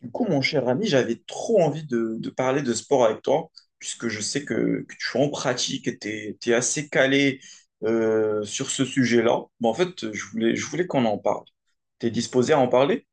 Du coup, mon cher ami, j'avais trop envie de parler de sport avec toi, puisque je sais que tu en pratiques et tu es assez calé sur ce sujet-là. Mais en fait, je voulais qu'on en parle. T'es disposé à en parler?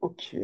Ok.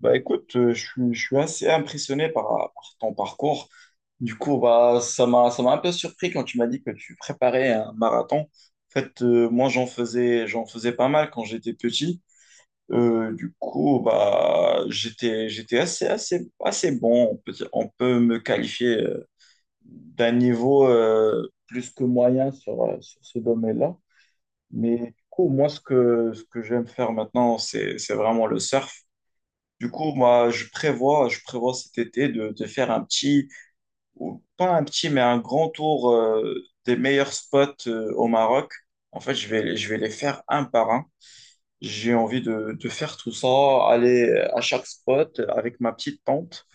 Bah écoute, je suis assez impressionné par ton parcours. Du coup, bah, ça m'a un peu surpris quand tu m'as dit que tu préparais un marathon. En fait, moi, j'en faisais pas mal quand j'étais petit. Du coup, bah, j'étais assez bon. On peut me qualifier d'un niveau plus que moyen sur ce domaine-là. Mais du coup, moi, ce que j'aime faire maintenant, c'est vraiment le surf. Du coup, moi, je prévois cet été de faire un petit, ou pas un petit, mais un grand tour des meilleurs spots au Maroc. En fait, je vais les faire un par un. J'ai envie de faire tout ça, aller à chaque spot avec ma petite tente.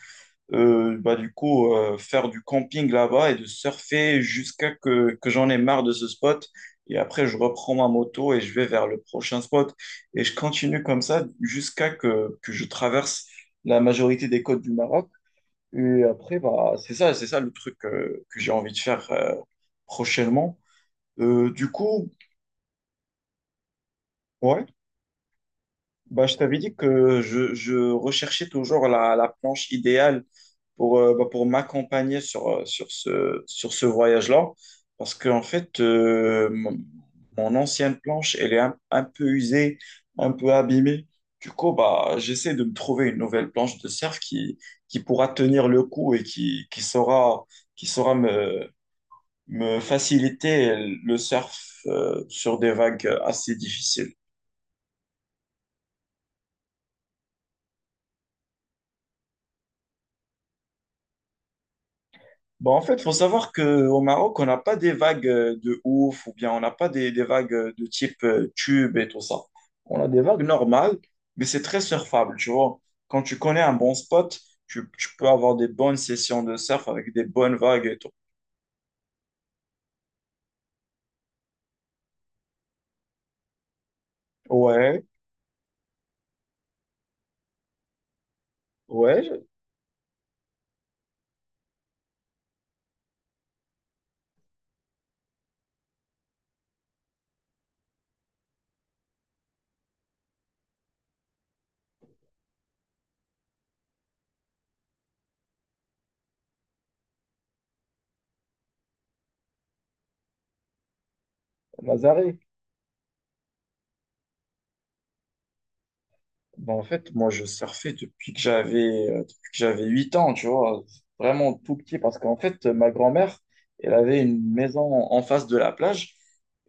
Bah, du coup, faire du camping là-bas et de surfer jusqu'à que j'en ai marre de ce spot. Et après, je reprends ma moto et je vais vers le prochain spot. Et je continue comme ça jusqu'à que je traverse la majorité des côtes du Maroc. Et après, bah, c'est ça le truc que j'ai envie de faire prochainement. Du coup, ouais. Bah, je t'avais dit que je recherchais toujours la planche idéale pour m'accompagner sur ce voyage-là. Parce qu'en fait, mon ancienne planche, elle est un peu usée, un peu abîmée. Du coup, bah, j'essaie de me trouver une nouvelle planche de surf qui pourra tenir le coup et qui saura me faciliter le surf, sur des vagues assez difficiles. Bon, en fait, il faut savoir qu'au Maroc, on n'a pas des vagues de ouf ou bien on n'a pas des vagues de type tube et tout ça. On a des vagues normales, mais c'est très surfable, tu vois. Quand tu connais un bon spot, tu peux avoir des bonnes sessions de surf avec des bonnes vagues et tout. Ouais, ouais, Mazaré. Bah, en fait, moi, je surfais depuis que j'avais 8 ans, tu vois, vraiment tout petit, parce qu'en fait, ma grand-mère, elle avait une maison en face de la plage.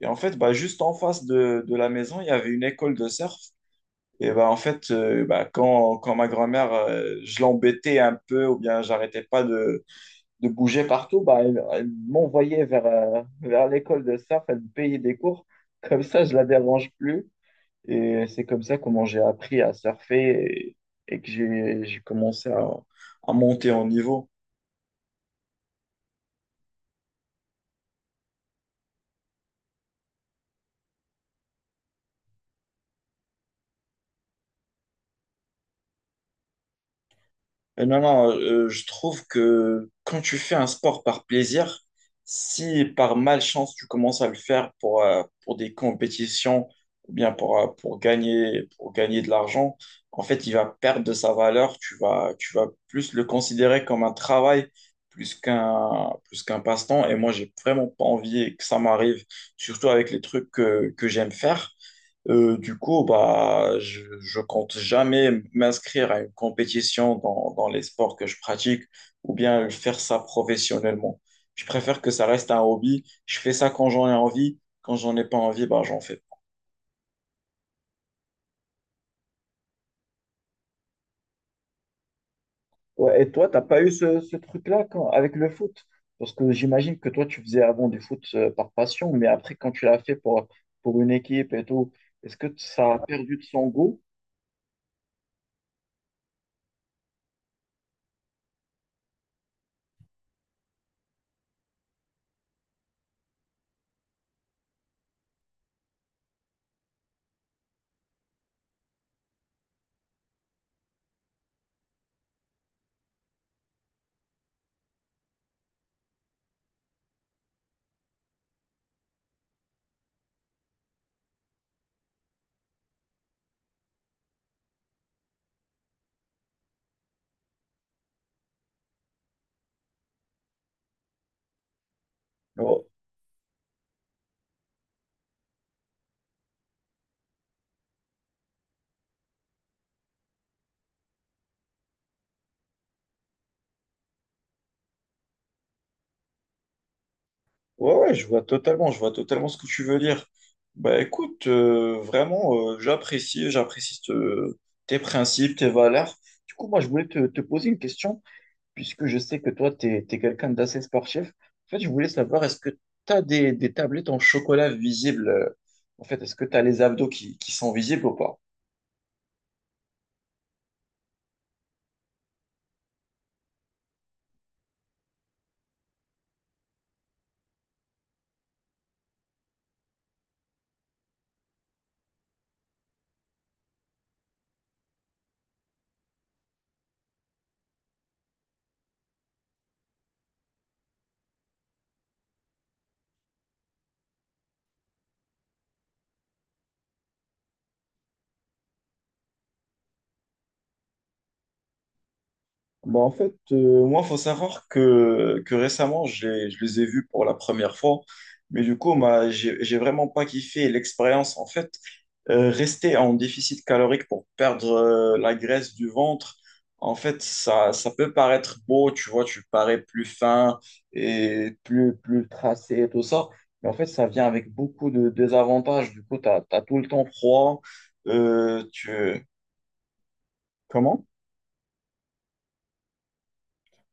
Et en fait, bah, juste en face de la maison, il y avait une école de surf. Et bah, en fait, quand ma grand-mère, je l'embêtais un peu, ou bien j'arrêtais pas de bouger partout, bah, elle m'envoyait vers l'école de surf, elle me payait des cours. Comme ça, je la dérange plus. Et c'est comme ça comment j'ai appris à surfer et que j'ai commencé à monter en niveau. Non, non, je trouve que quand tu fais un sport par plaisir, si par malchance tu commences à le faire pour des compétitions ou bien pour gagner de l'argent, en fait, il va perdre de sa valeur. Tu vas plus le considérer comme un travail plus qu'un passe-temps. Et moi, j'ai vraiment pas envie que ça m'arrive, surtout avec les trucs que j'aime faire. Du coup, bah, je compte jamais m'inscrire à une compétition dans les sports que je pratique ou bien faire ça professionnellement. Je préfère que ça reste un hobby. Je fais ça quand j'en ai envie. Quand j'en ai pas envie, bah, j'en fais pas. Ouais, et toi, t'as pas eu ce, avec le foot? Parce que j'imagine que toi, tu faisais avant du foot par passion, mais après, quand tu l'as fait pour une équipe et tout, est-ce que ça a perdu de son goût? Ouais, ouais, je vois totalement ce que tu veux dire. Bah écoute, vraiment, tes principes, tes valeurs. Du coup, moi, je voulais te poser une question, puisque je sais que toi, tu es quelqu'un d'assez sportif. En fait, je voulais savoir, est-ce que tu as des tablettes en chocolat visibles? En fait, est-ce que tu as les abdos qui sont visibles ou pas? Bah, en fait, moi, il faut savoir que récemment, je les ai vus pour la première fois, mais du coup, bah, j'ai vraiment pas kiffé l'expérience. En fait, rester en déficit calorique pour perdre la graisse du ventre, en fait, ça peut paraître beau, tu vois, tu parais plus fin et plus tracé et tout ça, mais en fait, ça vient avec beaucoup de désavantages. Du coup, tu as tout le temps froid. euh, tu... Comment?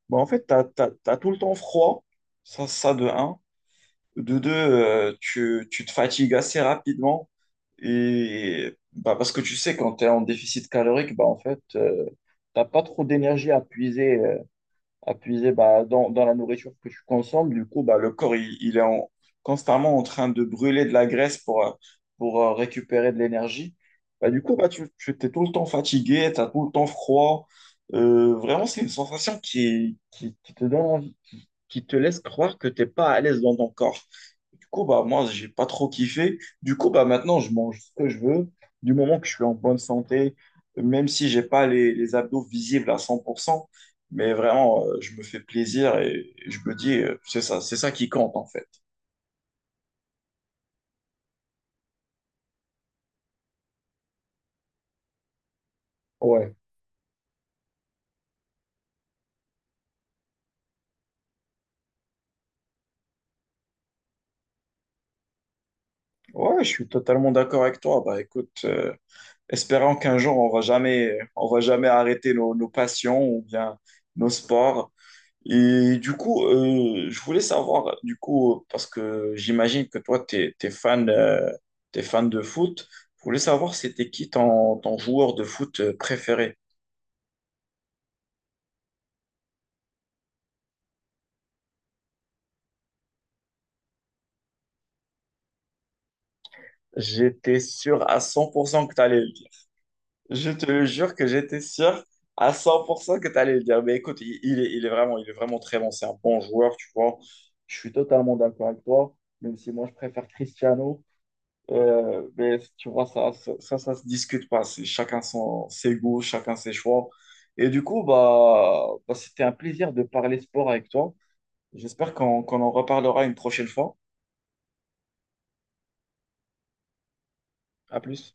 Bah, en fait, tu as tout le temps froid, ça de un. De deux, tu te fatigues assez rapidement. Et bah, parce que tu sais, quand tu es en déficit calorique, bah, en fait, tu n'as pas trop d'énergie à puiser appuyer bah, dans la nourriture que tu consommes. Du coup, bah, le corps, il est constamment en train de brûler de la graisse pour récupérer de l'énergie. Bah, du coup, bah, tu es tout le temps fatigué, tu as tout le temps froid. Vraiment, c'est une sensation qui te donne envie, qui te laisse croire que tu n'es pas à l'aise dans ton corps. Du coup, bah, moi, j'ai pas trop kiffé. Du coup, bah, maintenant, je mange ce que je veux. Du moment que je suis en bonne santé, même si j'ai pas les abdos visibles à 100%, mais vraiment, je me fais plaisir et je me dis, c'est ça qui compte, en fait. Ouais. Ouais, je suis totalement d'accord avec toi. Bah, écoute, espérons qu'un jour, on va jamais arrêter nos passions ou bien nos sports. Et du coup, je voulais savoir, du coup, parce que j'imagine que toi, t'es fan de foot, je voulais savoir c'était qui ton joueur de foot préféré. J'étais sûr à 100% que t'allais le dire. Je te le jure que j'étais sûr à 100% que t'allais le dire. Mais écoute, il est vraiment très bon. C'est un bon joueur, tu vois. Je suis totalement d'accord avec toi, même si moi, je préfère Cristiano. Mais tu vois, ça se discute pas. C'est chacun son, ses goûts, chacun ses choix. Et du coup, bah, c'était un plaisir de parler sport avec toi. J'espère qu'on en reparlera une prochaine fois. À plus.